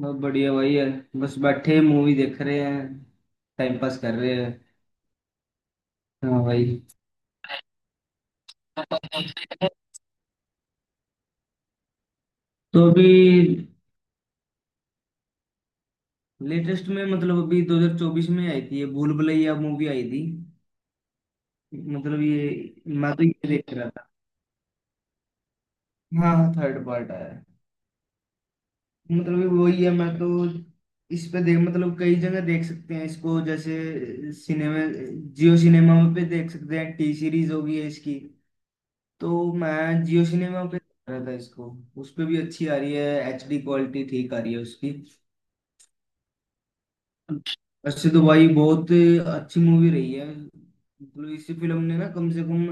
बहुत बढ़िया भाई है। बस बैठे मूवी देख रहे हैं। टाइम पास कर रहे हैं। हाँ भाई। तो अभी लेटेस्ट में मतलब अभी 2024 में आई थी, ये भूल भुलैया मूवी आई थी। मतलब ये मैं तो ये देख रहा था। हाँ थर्ड पार्ट आया। मतलब ये वही है मैं तो। इस पे देख मतलब कई जगह देख सकते हैं इसको, जैसे सिनेमा, जियो सिनेमा पे देख सकते हैं। T-Series होगी है इसकी। तो मैं जियो सिनेमा पे देख रहा था इसको। उस पे भी अच्छी आ रही है। HD क्वालिटी ठीक आ रही है उसकी। वैसे तो भाई बहुत अच्छी मूवी रही है। मतलब इस फिल्म ने ना कम से कम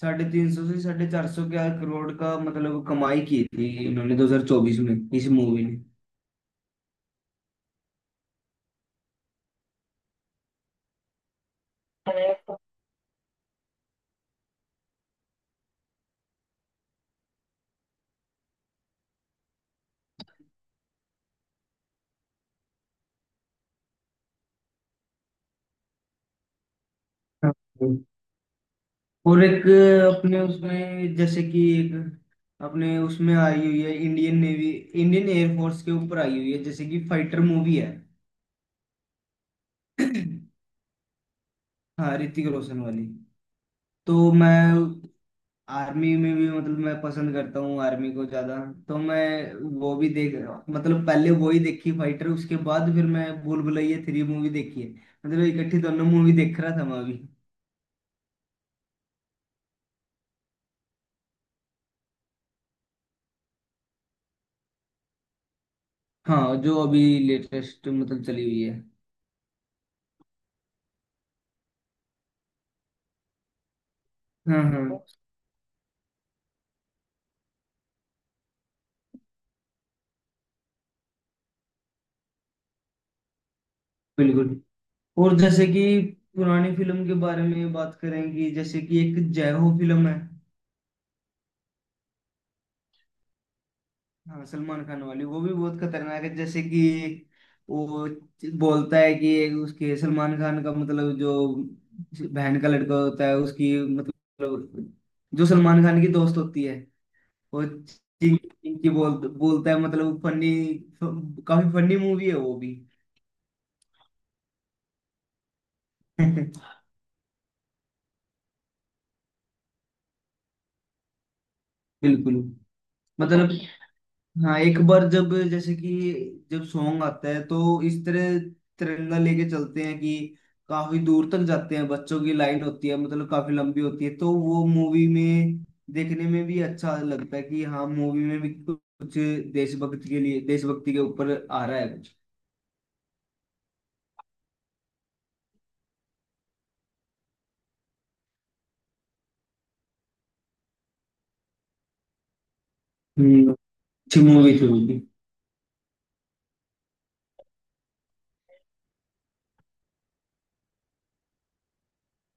350 से 450 के करोड़ का मतलब कमाई की थी इन्होंने 2024 में इस मूवी ने। और एक अपने उसमें जैसे कि एक अपने उसमें आई हुई है, इंडियन नेवी इंडियन एयरफोर्स के ऊपर आई हुई है, जैसे कि फाइटर मूवी है। हाँ ऋतिक रोशन वाली। तो मैं आर्मी में भी मतलब मैं पसंद करता हूँ आर्मी को ज्यादा। तो मैं वो भी देख मतलब पहले वो ही देखी फाइटर, उसके बाद फिर मैं भूल भुलैया थ्री मूवी देखी है। मतलब इकट्ठी दोनों मूवी देख रहा था मैं अभी। हाँ जो अभी लेटेस्ट मतलब चली हुई है। हाँ हाँ बिल्कुल। और जैसे कि पुरानी फिल्म के बारे में बात करें कि जैसे कि एक जय हो फिल्म है। हाँ सलमान खान वाली वो भी बहुत खतरनाक है। जैसे कि वो बोलता है कि उसके सलमान खान का मतलब जो बहन का लड़का होता है उसकी मतलब जो सलमान खान की दोस्त होती है, वो चिंकी चिंकी बोलता है मतलब फनी। काफी फनी मूवी है वो भी। बिल्कुल। मतलब हाँ एक बार जब जैसे कि जब सॉन्ग आता है तो इस तरह तिरंगा लेके चलते हैं कि काफी दूर तक जाते हैं। बच्चों की लाइन होती है मतलब काफी लंबी होती है तो वो मूवी में देखने में भी अच्छा लगता है कि हाँ मूवी में भी कुछ देशभक्ति के लिए, देशभक्ति के ऊपर आ रहा है कुछ। हम्म। अच्छी मूवी थी वो भी।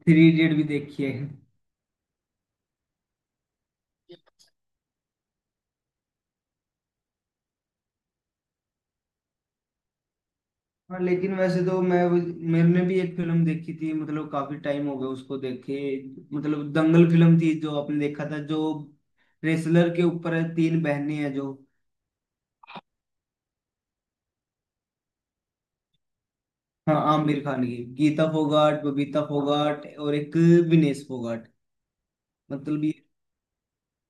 थ्री इडियट भी देखी है। हाँ लेकिन वैसे तो मैं मैंने भी एक फिल्म देखी थी मतलब काफी टाइम हो गया उसको देखे। मतलब दंगल फिल्म थी जो आपने देखा था, जो रेसलर के ऊपर है, तीन बहनें हैं जो। हाँ आमिर खान की गीता फोगाट, बबीता फोगाट और एक विनेश फोगाट। मतलब ये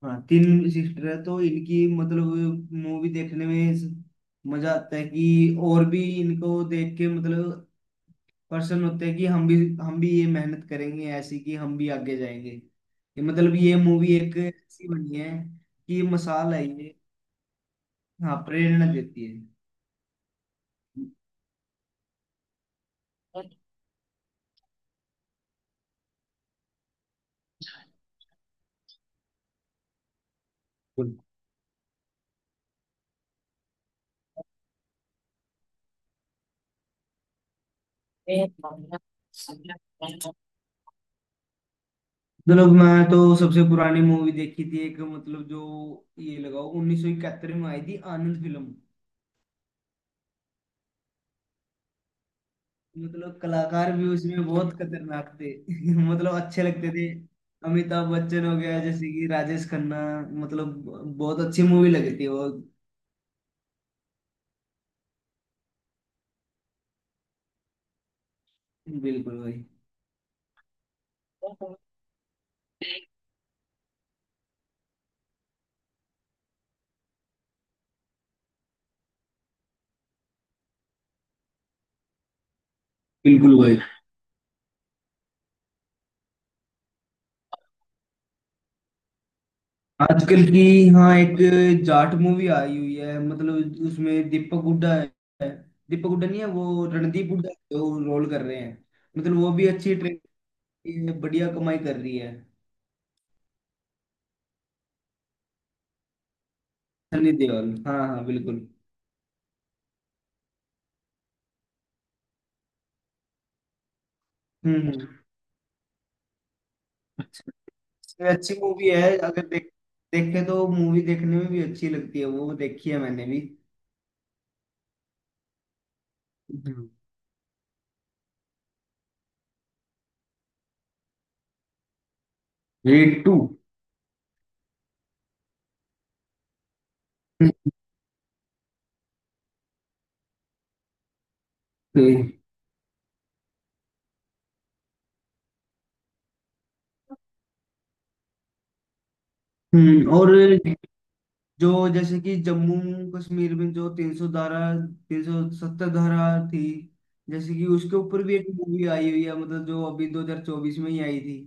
हाँ तीन सिस्टर है तो इनकी मतलब मूवी देखने में मजा आता है कि, और भी इनको देख के मतलब पर्सन होते हैं कि हम भी ये मेहनत करेंगे ऐसी कि हम भी आगे जाएंगे। ये मतलब ये मूवी एक ऐसी बनी है कि मिसाल है ये। हाँ प्रेरणा देती है। बिल्कुल। मतलब मैं तो सबसे पुरानी मूवी देखी थी एक, मतलब जो ये लगाओ 1971 में आई थी आनंद फिल्म। मतलब कलाकार भी उसमें बहुत खतरनाक थे मतलब अच्छे लगते थे। अमिताभ बच्चन हो गया जैसे कि राजेश खन्ना। मतलब बहुत अच्छी मूवी लगी थी वो। बिल्कुल भाई। बिल्कुल भाई। आजकल की हाँ एक जाट मूवी आई हुई है मतलब उसमें दीपक हुड्डा है। दीपक हुड्डा नहीं है, वो रणदीप हुड्डा जो रोल कर रहे हैं। मतलब वो भी अच्छी ट्रेन बढ़िया कमाई कर रही है। सनी देओल हाँ हाँ बिल्कुल। हम्म हम्म। ये अच्छी मूवी है। अगर देखे तो मूवी देखने में भी अच्छी लगती है। वो देखी है मैंने भी। हम्म। Raid two. हम्म हम्म। और जो जैसे कि जम्मू कश्मीर में जो तीन सौ सत्तर धारा थी, जैसे कि उसके ऊपर भी एक मूवी आई हुई है मतलब जो अभी 2024 में ही आई थी।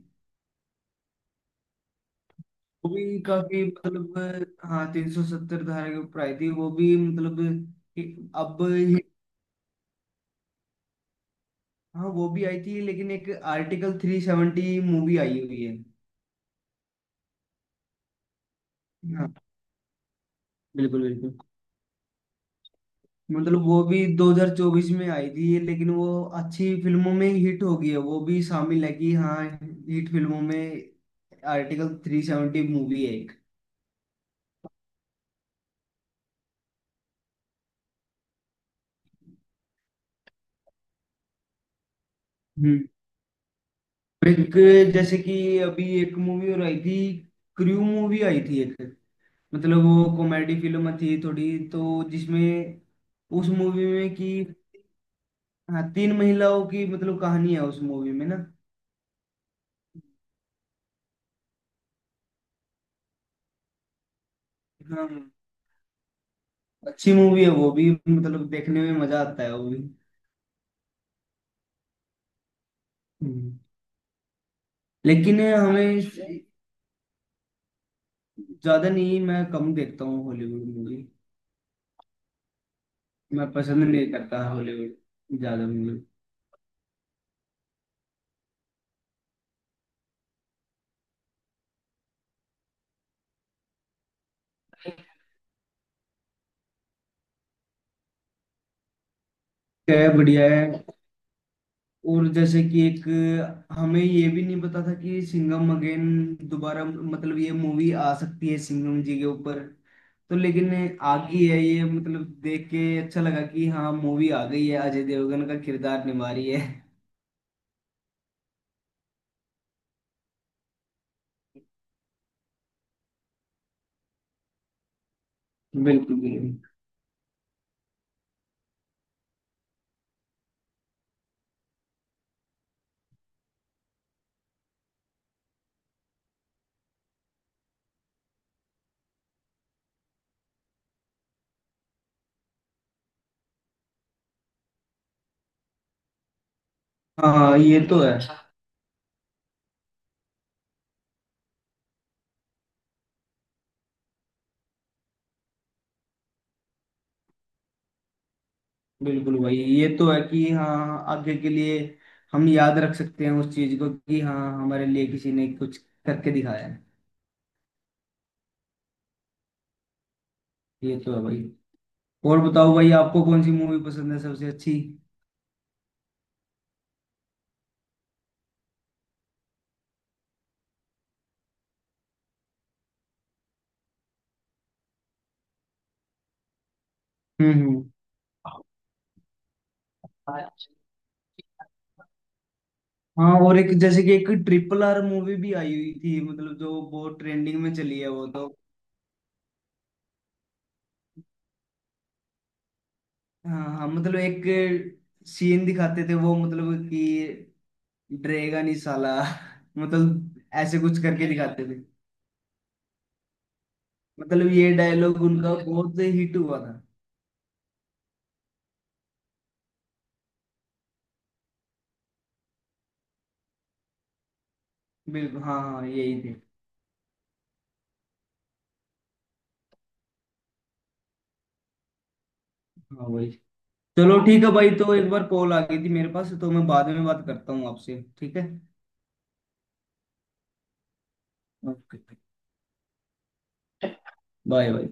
वो भी काफी मतलब हाँ तीन सौ सत्तर धारा के ऊपर आई थी वो भी मतलब कि अब हाँ वो भी आई थी लेकिन एक आर्टिकल 370 मूवी आई हुई है। हाँ बिल्कुल बिल्कुल। मतलब वो भी 2024 में आई थी लेकिन वो अच्छी फिल्मों में हिट हो गई है, वो भी शामिल है कि हाँ हिट फिल्मों में आर्टिकल 370 मूवी है एक। हम्म। एक जैसे कि अभी एक मूवी और आई थी, क्रू मूवी आई थी एक। मतलब वो कॉमेडी फिल्म थी थोड़ी, तो जिसमें उस मूवी में कि हाँ तीन महिलाओं की मतलब कहानी है उस मूवी में ना। हाँ अच्छी मूवी है वो भी, मतलब देखने में मजा आता है वो भी। हम्म। लेकिन हमें ज्यादा नहीं, मैं कम देखता हूँ हॉलीवुड मूवी। मैं पसंद नहीं करता हॉलीवुड ज्यादा मूवी। क्या है, बढ़िया है। और जैसे कि एक हमें ये भी नहीं पता था कि सिंघम अगेन दोबारा मतलब ये मूवी आ सकती है सिंघम जी के ऊपर। तो लेकिन आ गई है ये मतलब देख के अच्छा लगा कि हाँ मूवी आ गई है। अजय देवगन का किरदार निभा रही है। बिल्कुल बिल्कुल। हाँ ये तो है। बिल्कुल भाई ये तो है कि हाँ आगे के लिए हम याद रख सकते हैं उस चीज को कि हाँ हमारे लिए किसी ने कुछ करके दिखाया है। ये तो है भाई। और बताओ भाई आपको कौन सी मूवी पसंद है सबसे अच्छी। हम्म। हाँ और एक जैसे कि एक RRR मूवी भी आई हुई थी मतलब जो बहुत ट्रेंडिंग में चली है वो तो। हाँ हाँ मतलब एक सीन दिखाते थे वो, मतलब कि डरेगा नहीं साला। मतलब ऐसे कुछ करके दिखाते थे। मतलब ये डायलॉग उनका बहुत हिट हुआ था। बिल्कुल हाँ हाँ यही थे। हाँ वही। चलो ठीक है भाई, तो एक बार कॉल आ गई थी मेरे पास, तो मैं बाद में बात करता हूँ आपसे ठीक है। ओके। Bye bye.